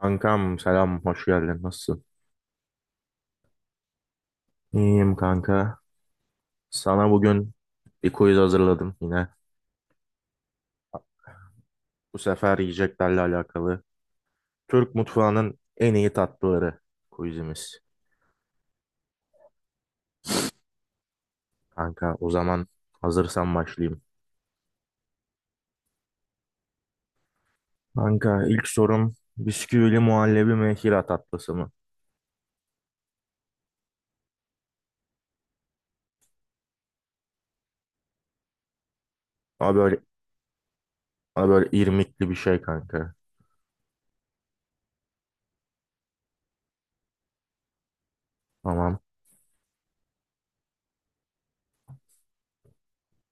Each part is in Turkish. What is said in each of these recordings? Kankam selam, hoş geldin. Nasılsın? İyiyim kanka. Sana bugün bir quiz hazırladım yine. Bu sefer yiyeceklerle alakalı. Türk mutfağının en iyi tatlıları quizimiz. Kanka o zaman hazırsan başlayayım. Kanka ilk sorum bisküvili muhallebi mi Hira tatlısı mı? Ama böyle, ama böyle irmikli bir şey kanka. Tamam.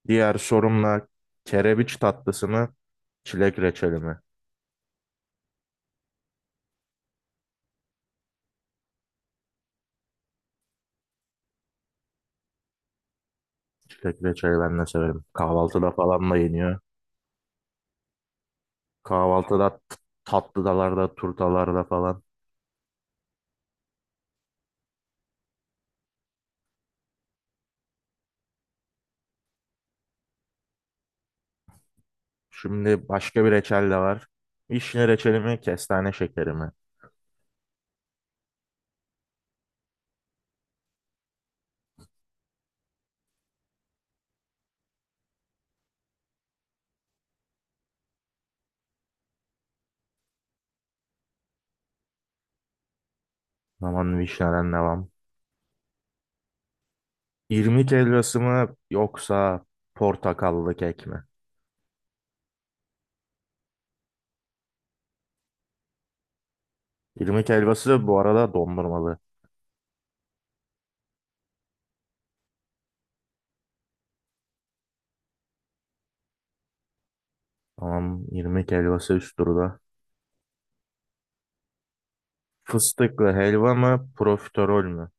Diğer sorumla kerebiç tatlısı mı? Çilek reçeli mi? Çilek reçeli ben de severim. Kahvaltıda falan da yeniyor. Kahvaltıda tatlıdalarda, turtalarda falan. Şimdi başka bir reçel de var. Vişne reçeli mi, kestane şekeri mi? Aman vişneden devam. İrmik helvası mı yoksa portakallı kek mi? İrmik helvası bu arada dondurmalı. Tamam, irmik helvası üst turda. Fıstıklı helva mı, profiterol mü?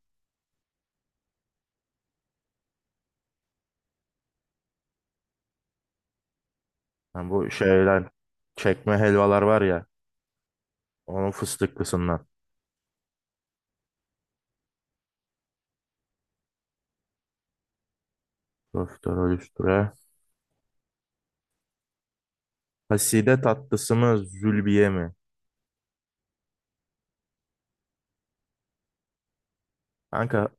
Yani bu şeyden çekme helvalar var ya, onun fıstıklısından. Profiterol üst tura. Haside tatlısı mı, zülbiye mi? Kanka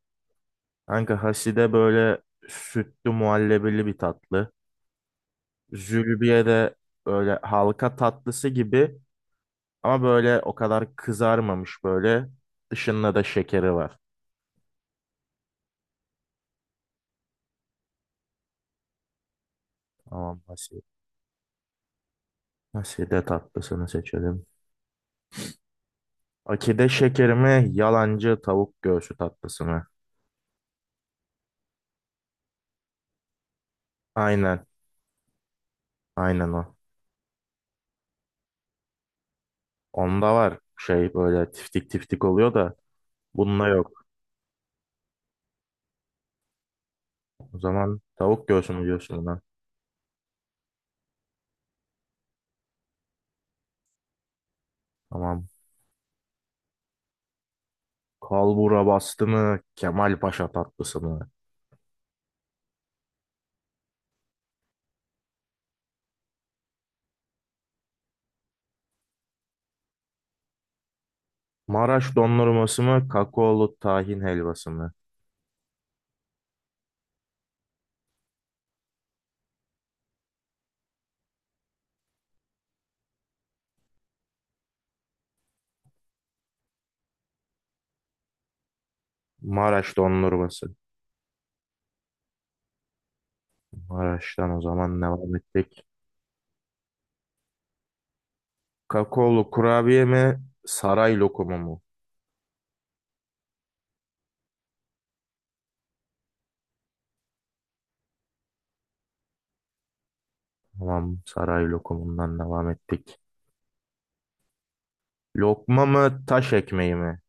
Kanka Haside böyle sütlü muhallebili bir tatlı. Zülbiye de böyle halka tatlısı gibi ama böyle o kadar kızarmamış böyle. Dışında da şekeri var. Tamam Haside. Haside tatlısını seçelim. Akide şekeri mi? Yalancı tavuk göğsü tatlısı mı? Aynen. Aynen o. Onda var şey böyle tiftik tiftik oluyor da bunda yok. O zaman tavuk göğsü mü diyorsun buna? Tamam. Kalbura bastı mı? Kemal Paşa tatlısı mı? Maraş dondurması mı, kakaolu tahin helvası mı? Maraş dondurması. Maraş'tan o zaman devam ettik. Kakaolu kurabiye mi, saray lokumu mu? Tamam, saray lokumundan devam ettik. Lokma mı, taş ekmeği mi?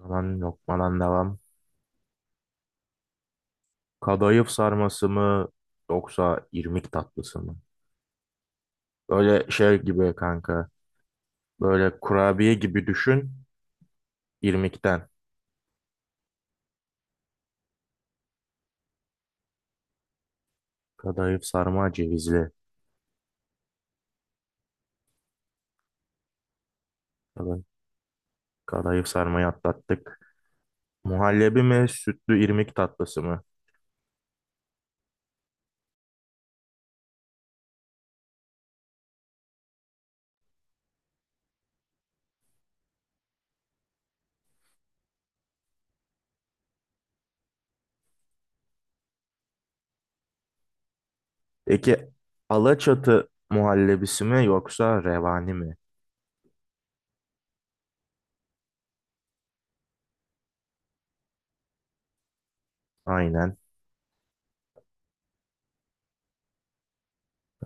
O zaman lokmadan devam. Kadayıf sarması mı, yoksa irmik tatlısı mı? Böyle şey gibi kanka, böyle kurabiye gibi düşün, İrmikten. Kadayıf sarma cevizli. Kadayıf, kadayıf sarmayı atlattık. Muhallebi mi, sütlü irmik tatlısı mı? Peki Alaçatı muhallebisi mi yoksa revani mi? Aynen.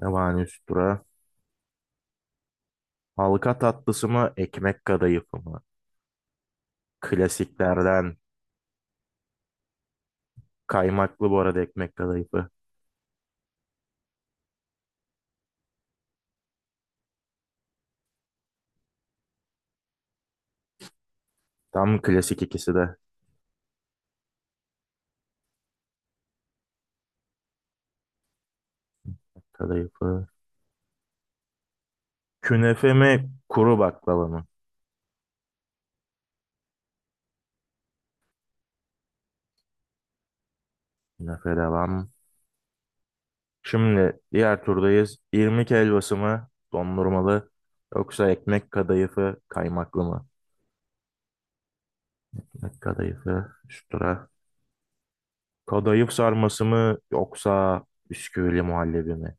Revani üstüra. Halka tatlısı mı, ekmek kadayıfı mı? Klasiklerden. Kaymaklı bu arada ekmek kadayıfı. Tam klasik ikisi de. Kadayıfı. Künefe mi, kuru baklava mı? Künefe devam. Şimdi diğer turdayız. İrmik helvası mı, dondurmalı yoksa ekmek kadayıfı, kaymaklı mı? Ekmek kadayıfı, üstüra. Kadayıf sarması mı yoksa bisküvili muhallebi mi?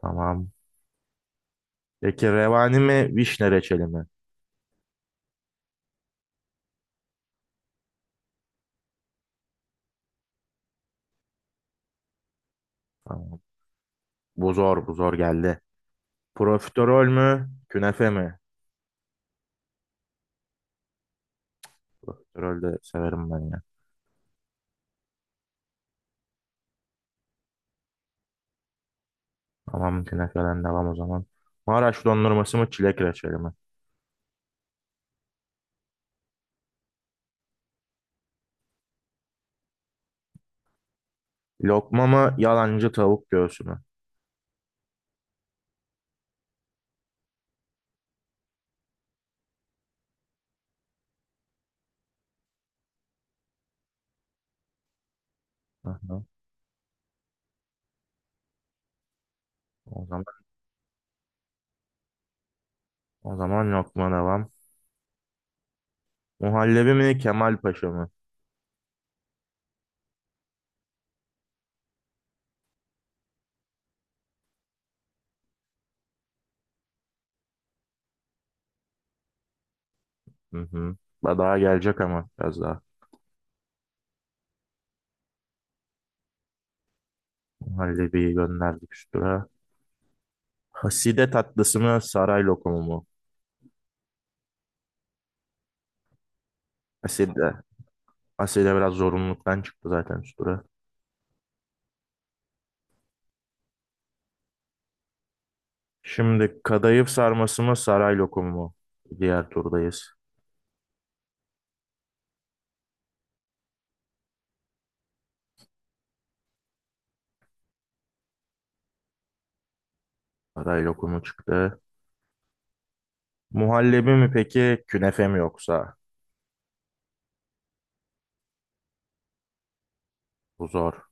Tamam. Peki revani mi, vişne reçeli mi? Tamam. Bu zor geldi. Profiterol mü, künefe mi? Profiterol de severim ben ya. Tamam, künefeden devam o zaman. Maraş dondurması mı, çilek reçeli mi? Lokma mı, yalancı tavuk göğsü mü? Hı hı. O zaman, o zaman lokma devam. Muhallebi mi, Kemal Paşa mı? Hı hı. Daha gelecek ama biraz daha. Muhallebiyi gönderdik üstüne. Haside tatlısı mı saray lokumu mu? Haside. Haside biraz zorunluluktan çıktı zaten şu tura. Şimdi kadayıf sarması mı saray lokumu mu? Diğer turdayız. Saray lokumu çıktı. Muhallebi mi peki künefe mi yoksa? Bu zor.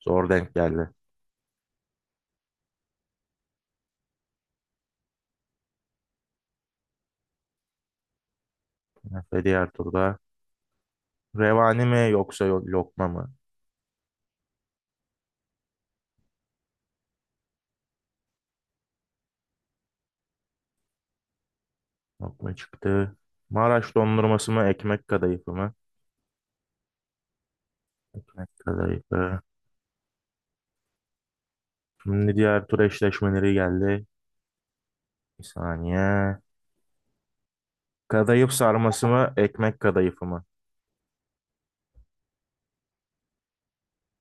Zor denk geldi. Künefe diğer turda. Revani mi yoksa lokma mı? Lokma çıktı. Maraş dondurması mı ekmek kadayıfı mı? Ekmek kadayıfı. Şimdi diğer tur eşleşmeleri geldi. Bir saniye. Kadayıf sarması mı, ekmek kadayıfı mı?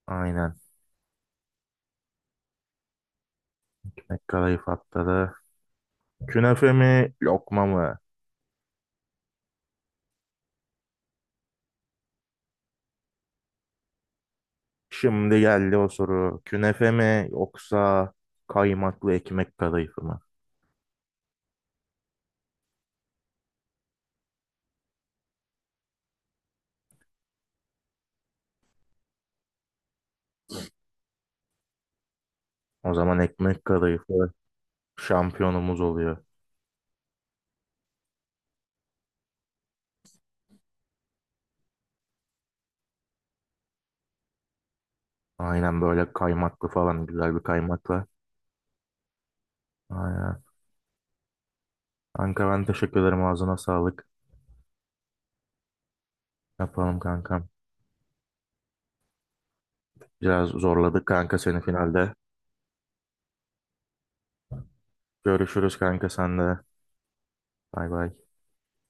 Aynen. Ekmek kadayıf atladı. Künefe mi, lokma mı? Şimdi geldi o soru. Künefe mi yoksa kaymaklı ekmek kadayıfı mı? O zaman ekmek kadayıfı şampiyonumuz oluyor. Aynen böyle kaymaklı falan güzel bir kaymakla. Aynen. Kanka ben teşekkür ederim ağzına sağlık. Yapalım kankam. Biraz zorladık kanka seni finalde. Görüşürüz kanka sen de. Bay bay.